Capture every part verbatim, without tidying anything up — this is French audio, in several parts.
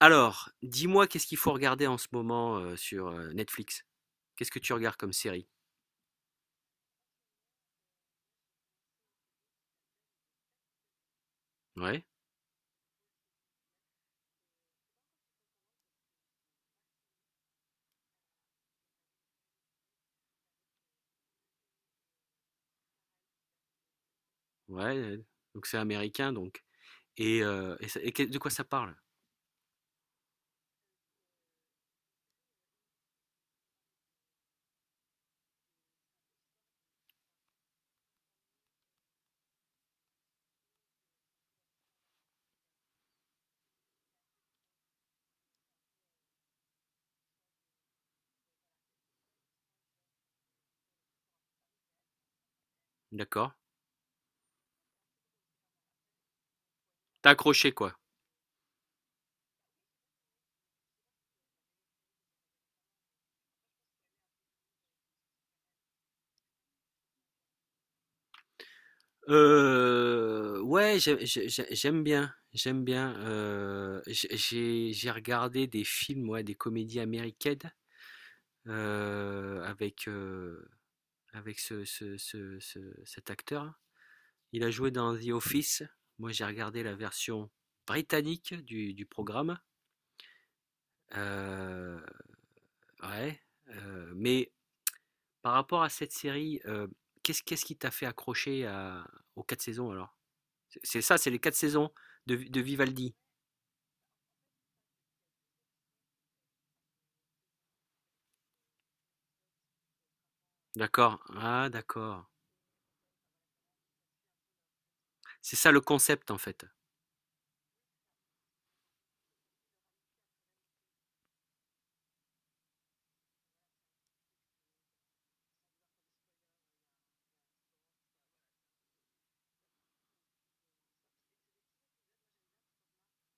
Alors, dis-moi, qu'est-ce qu'il faut regarder en ce moment, heu, sur, heu, Netflix? Qu'est-ce que tu regardes comme série? Ouais, ouais, heu, donc c'est américain, donc et heu et ça et que de quoi ça parle? D'accord. Tu accroché quoi? Heu, ouais, j'ai j'ai j'ai j'aime bien, j'aime bien, heu, j'ai j'ai j'ai regardé des films, ouais, des comédies américaines, heu, avec, heu, avec ce ce ce ce cet acteur. Il a joué dans The Office. Moi, j'ai regardé la version britannique du, du programme. Euh, ouais. Euh, mais par rapport à cette série, euh, qu'est-ce qu'est-ce qui t'a fait accrocher à- aux quatre saisons alors? C'est c'est ça, c'est les quatre saisons de, de Vivaldi. D'accord. Ah, d'accord. C'est ça le concept en fait.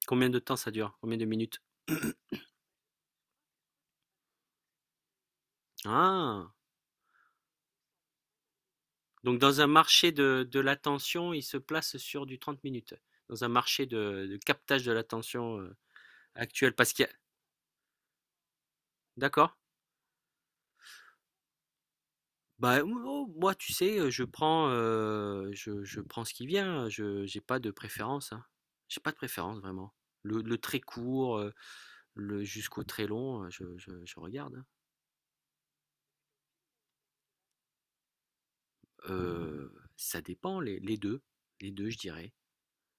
Combien de temps ça dure? Combien de minutes? Ah. Donc dans un marché de, de l'attention, il se place sur du trente minutes. Dans un marché de, de captage de l'attention euh, actuel. Parce qu'il y a- D'accord. Bah, m oh, moi, tu sais, heu, je prends, heu, je je prends ce qui vient, hein, je j'ai pas de préférence, hein. J'ai pas de préférence vraiment. Le le très court, heu, le jusqu'au très long, heu, je je je regarde, hein. Heu, ça dépend, les les deux, les deux, je dirais.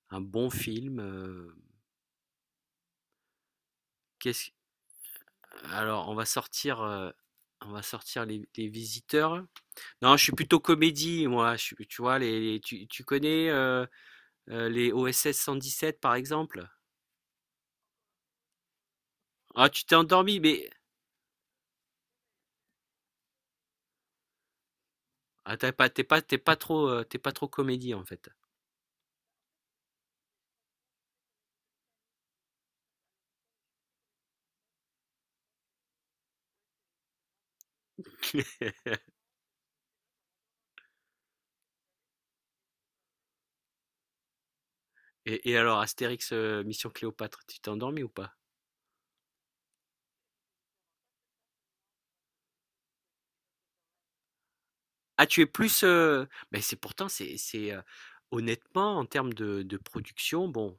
Un bon film, heu, qu'est-ce alors on va sortir, heu, on va sortir Les Les Visiteurs. Non, je suis plutôt comédie, moi, je suis, tu vois les, les tu tu connais, heu heu, les dix sept par exemple? Ah, tu t'es endormi, mais ah, t'as pas, t'es pas, t'es pas trop, euh, t'es pas trop comédie en fait. Et, et alors, Astérix, euh, Mission Cléopâtre, tu t'es endormi ou pas? Ah, tu es plus, euh, ben c'est pourtant, c'est, c'est euh, honnêtement en termes de, de production, bon,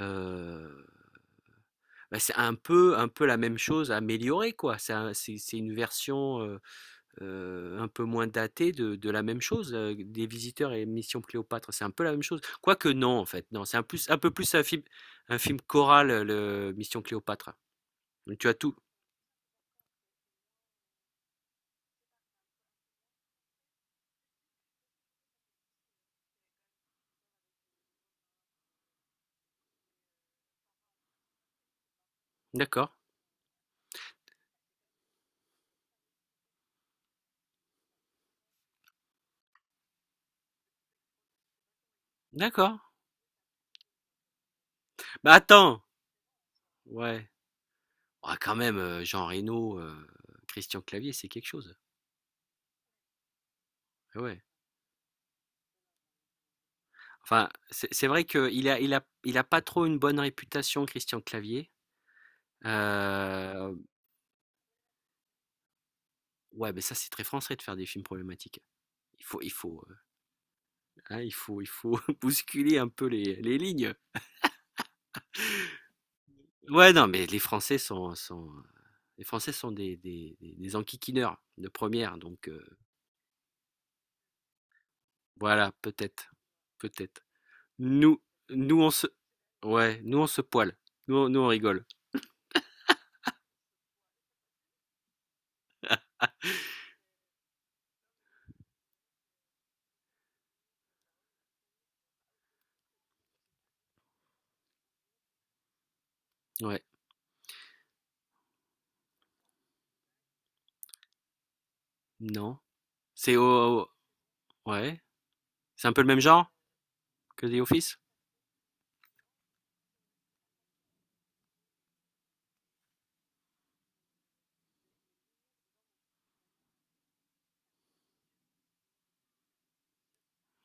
euh, ben, c'est un peu, un peu la même chose améliorée quoi. C'est un- c'est, c'est une version. euh, euh, un peu moins daté de, de la même chose, euh, des visiteurs et Mission Cléopâtre, c'est un peu la même chose. Quoique non, en fait, non, c'est un, plus, un peu plus un film, un film choral, euh, le Mission Cléopâtre. Donc, tu as tout. D'accord, d'accord. Bah attends, ouais. Ah, quand même, euh, Jean Reno, euh, Christian Clavier, c'est quelque chose. Ah, ouais. Enfin, c'est c'est vrai qu'il a, il a, il a pas trop une bonne réputation, Christian Clavier. Euh, ouais, mais ça, c'est très français de faire des films problématiques. Il faut, il faut, hein, il faut, il faut bousculer un peu les, les lignes. Ouais, non, mais les Français sont, sont, les Français sont des, des, des- des enquiquineurs de première, donc euh, voilà, peut-être, peut-être. Nous, nous on se, ouais, nous on se poile, nous, on- nous on rigole. Ouais, non, c'est au, au- ouais, c'est un peu le même genre que The Office.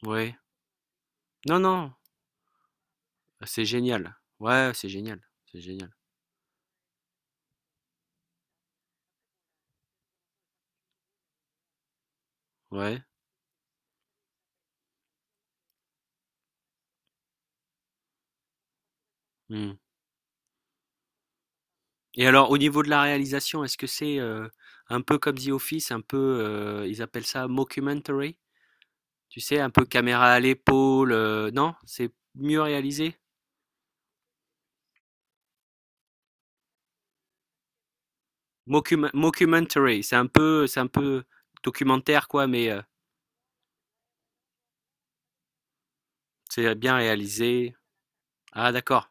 Ouais, non, non, c'est génial. Ouais, c'est génial, c'est génial. Ouais. Hmm. Et alors, au niveau de la réalisation, est-ce que c'est euh, un peu comme The Office, un peu, euh, ils appellent ça mockumentary? Tu sais, un peu caméra à l'épaule, euh, non? C'est mieux réalisé? Moccuma- mockumentary, c'est un peu, c'est un peu documentaire, quoi, mais euh, c'est bien réalisé. Ah, d'accord.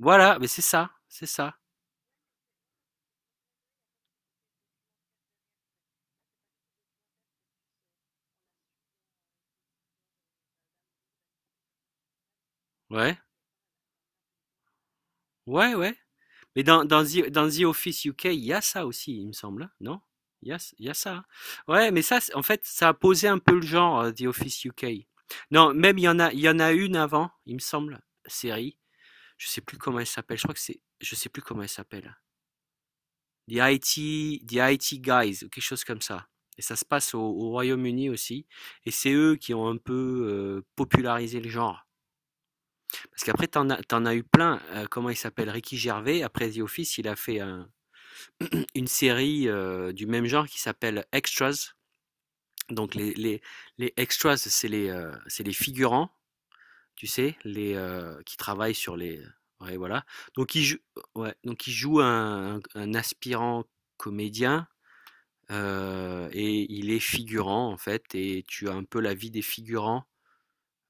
Voilà, mais c'est ça, c'est ça. Ouais, ouais, ouais. Mais dans, dans, The, dans The Office U K, il y a ça aussi, il me semble, hein, non? Il y a, il y a ça, hein. Ouais, mais ça, en fait, ça a posé un peu le genre, euh, The Office U K. Non, même il y en a, il y en a une avant, il me semble, série. Je sais plus comment elle s'appelle. Je crois que c'est, je sais plus comment elle s'appelle. The I T, The I T Guys, ou quelque chose comme ça. Et ça se passe au, au Royaume-Uni aussi. Et c'est eux qui ont un peu euh, popularisé le genre. Parce qu'après, t'en as, t'en as eu plein. Euh, comment il s'appelle? Ricky Gervais. Après The Office, il a fait un, une série euh, du même genre qui s'appelle Extras. Donc les, les, les extras, c'est les, euh, c'est les figurants, tu sais, les, euh, qui travaillent sur les... Ouais, voilà. Donc ils, jou- ouais, donc ils jouent un, un- un aspirant comédien euh, et il est figurant en fait. Et tu as un peu la vie des figurants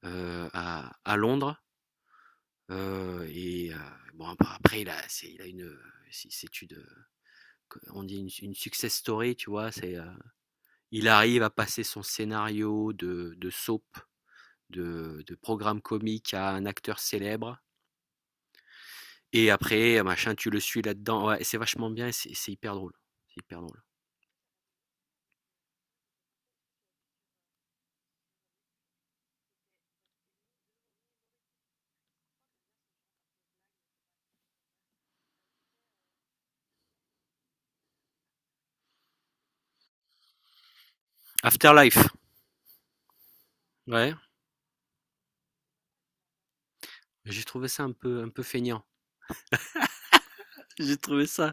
euh, à, à Londres. Euh, et euh, bon, ap- après, il a, c'est, il a une... si c'est une, on dit une, une success story, tu vois. C'est, il arrive à passer son scénario de, de soap, de, de programme comique à un acteur célèbre. Et après, machin, tu le suis là-dedans. Ouais, c'est vachement bien, c'est c'est hyper drôle. C'est hyper drôle. Afterlife, ouais. J'ai trouvé ça un peu, un peu feignant. J'ai trouvé ça.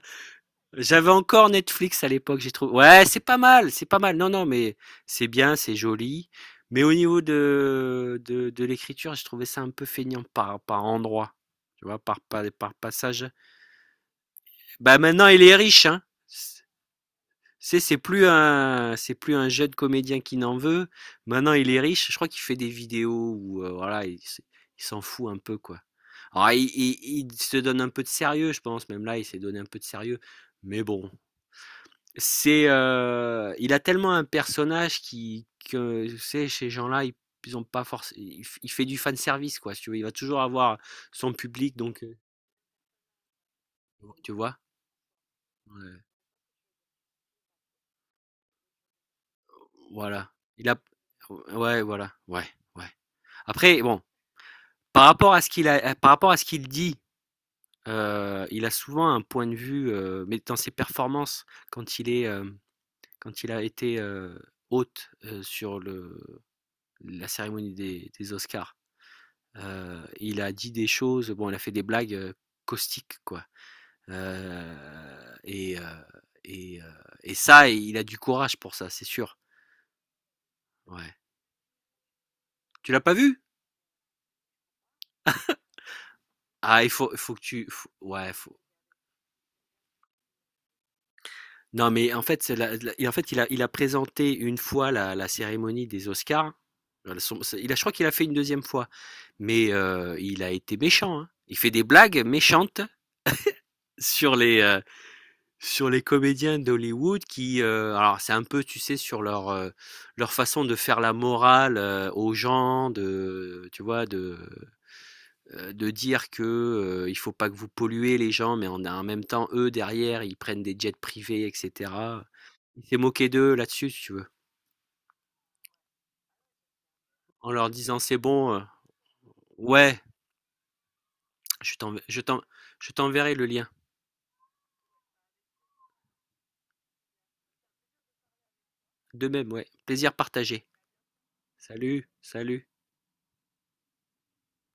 J'avais encore Netflix à l'époque. J'ai trouvé. Ouais, c'est pas mal, c'est pas mal. Non, non, mais c'est bien, c'est joli. Mais au niveau de, de, de l'écriture, j'ai trouvé ça un peu feignant par, par endroit. Tu vois, par, par, par passage. Bah maintenant, il est riche, hein. C'est c'est plus un c'est plus un jeune comédien qui n'en veut. Maintenant, il est riche. Je crois qu'il fait des vidéos où euh, voilà, il, s- il s'en fout un peu quoi. Alors, il, il- il se donne un peu de sérieux, je pense. Même là, il s'est donné un peu de sérieux. Mais bon, c'est euh, il a tellement un personnage qui que tu sais, ces gens-là, ils, ils ont pas force. Il, f- il fait du fan service quoi. Si tu veux, il va toujours avoir son public, donc euh, tu vois. Ouais. Voilà. Il a ouais, voilà. Ouais, ouais. Après bon, par rapport à ce qu'il a euh, par rapport à ce qu'il dit, euh, il a souvent un point de vue euh, mais dans ses performances quand il est euh, quand il a été euh, hôte euh, sur le la cérémonie des, des Oscars. Euh, il a dit des choses, bon, il a fait des blagues euh, caustiques, quoi. Euh, et, euh, et, euh, et ça, il a du courage pour ça, c'est sûr. Ouais. Tu l'as pas vu? Ah, il faut, faut que tu. faut- ouais, faut, non, mais en fait, c'est la la et en fait, il a il a présenté une fois la la cérémonie des Oscars. Heu, son c'est il a, je crois qu'il a fait une deuxième fois, mais heu, il a été méchant, hein. Il fait des blagues méchantes sur les, heu, sur les comédiens d'Hollywood qui, heu, alors c'est un peu, tu sais, sur leur, heu, leur façon de faire la morale, heu, aux gens, de tu vois, de, heu, de dire que, heu, il faut pas que vous polluez les gens, mais en en même temps, eux, derrière, ils prennent des jets privés et cetera. Il s'est moqué d'eux là-dessus, si tu veux, en leur disant: «C'est bon, heu, ouais, je t'en, je t'en je t'enverrai le lien». De même, ouais, plaisir partagé. Salut, salut.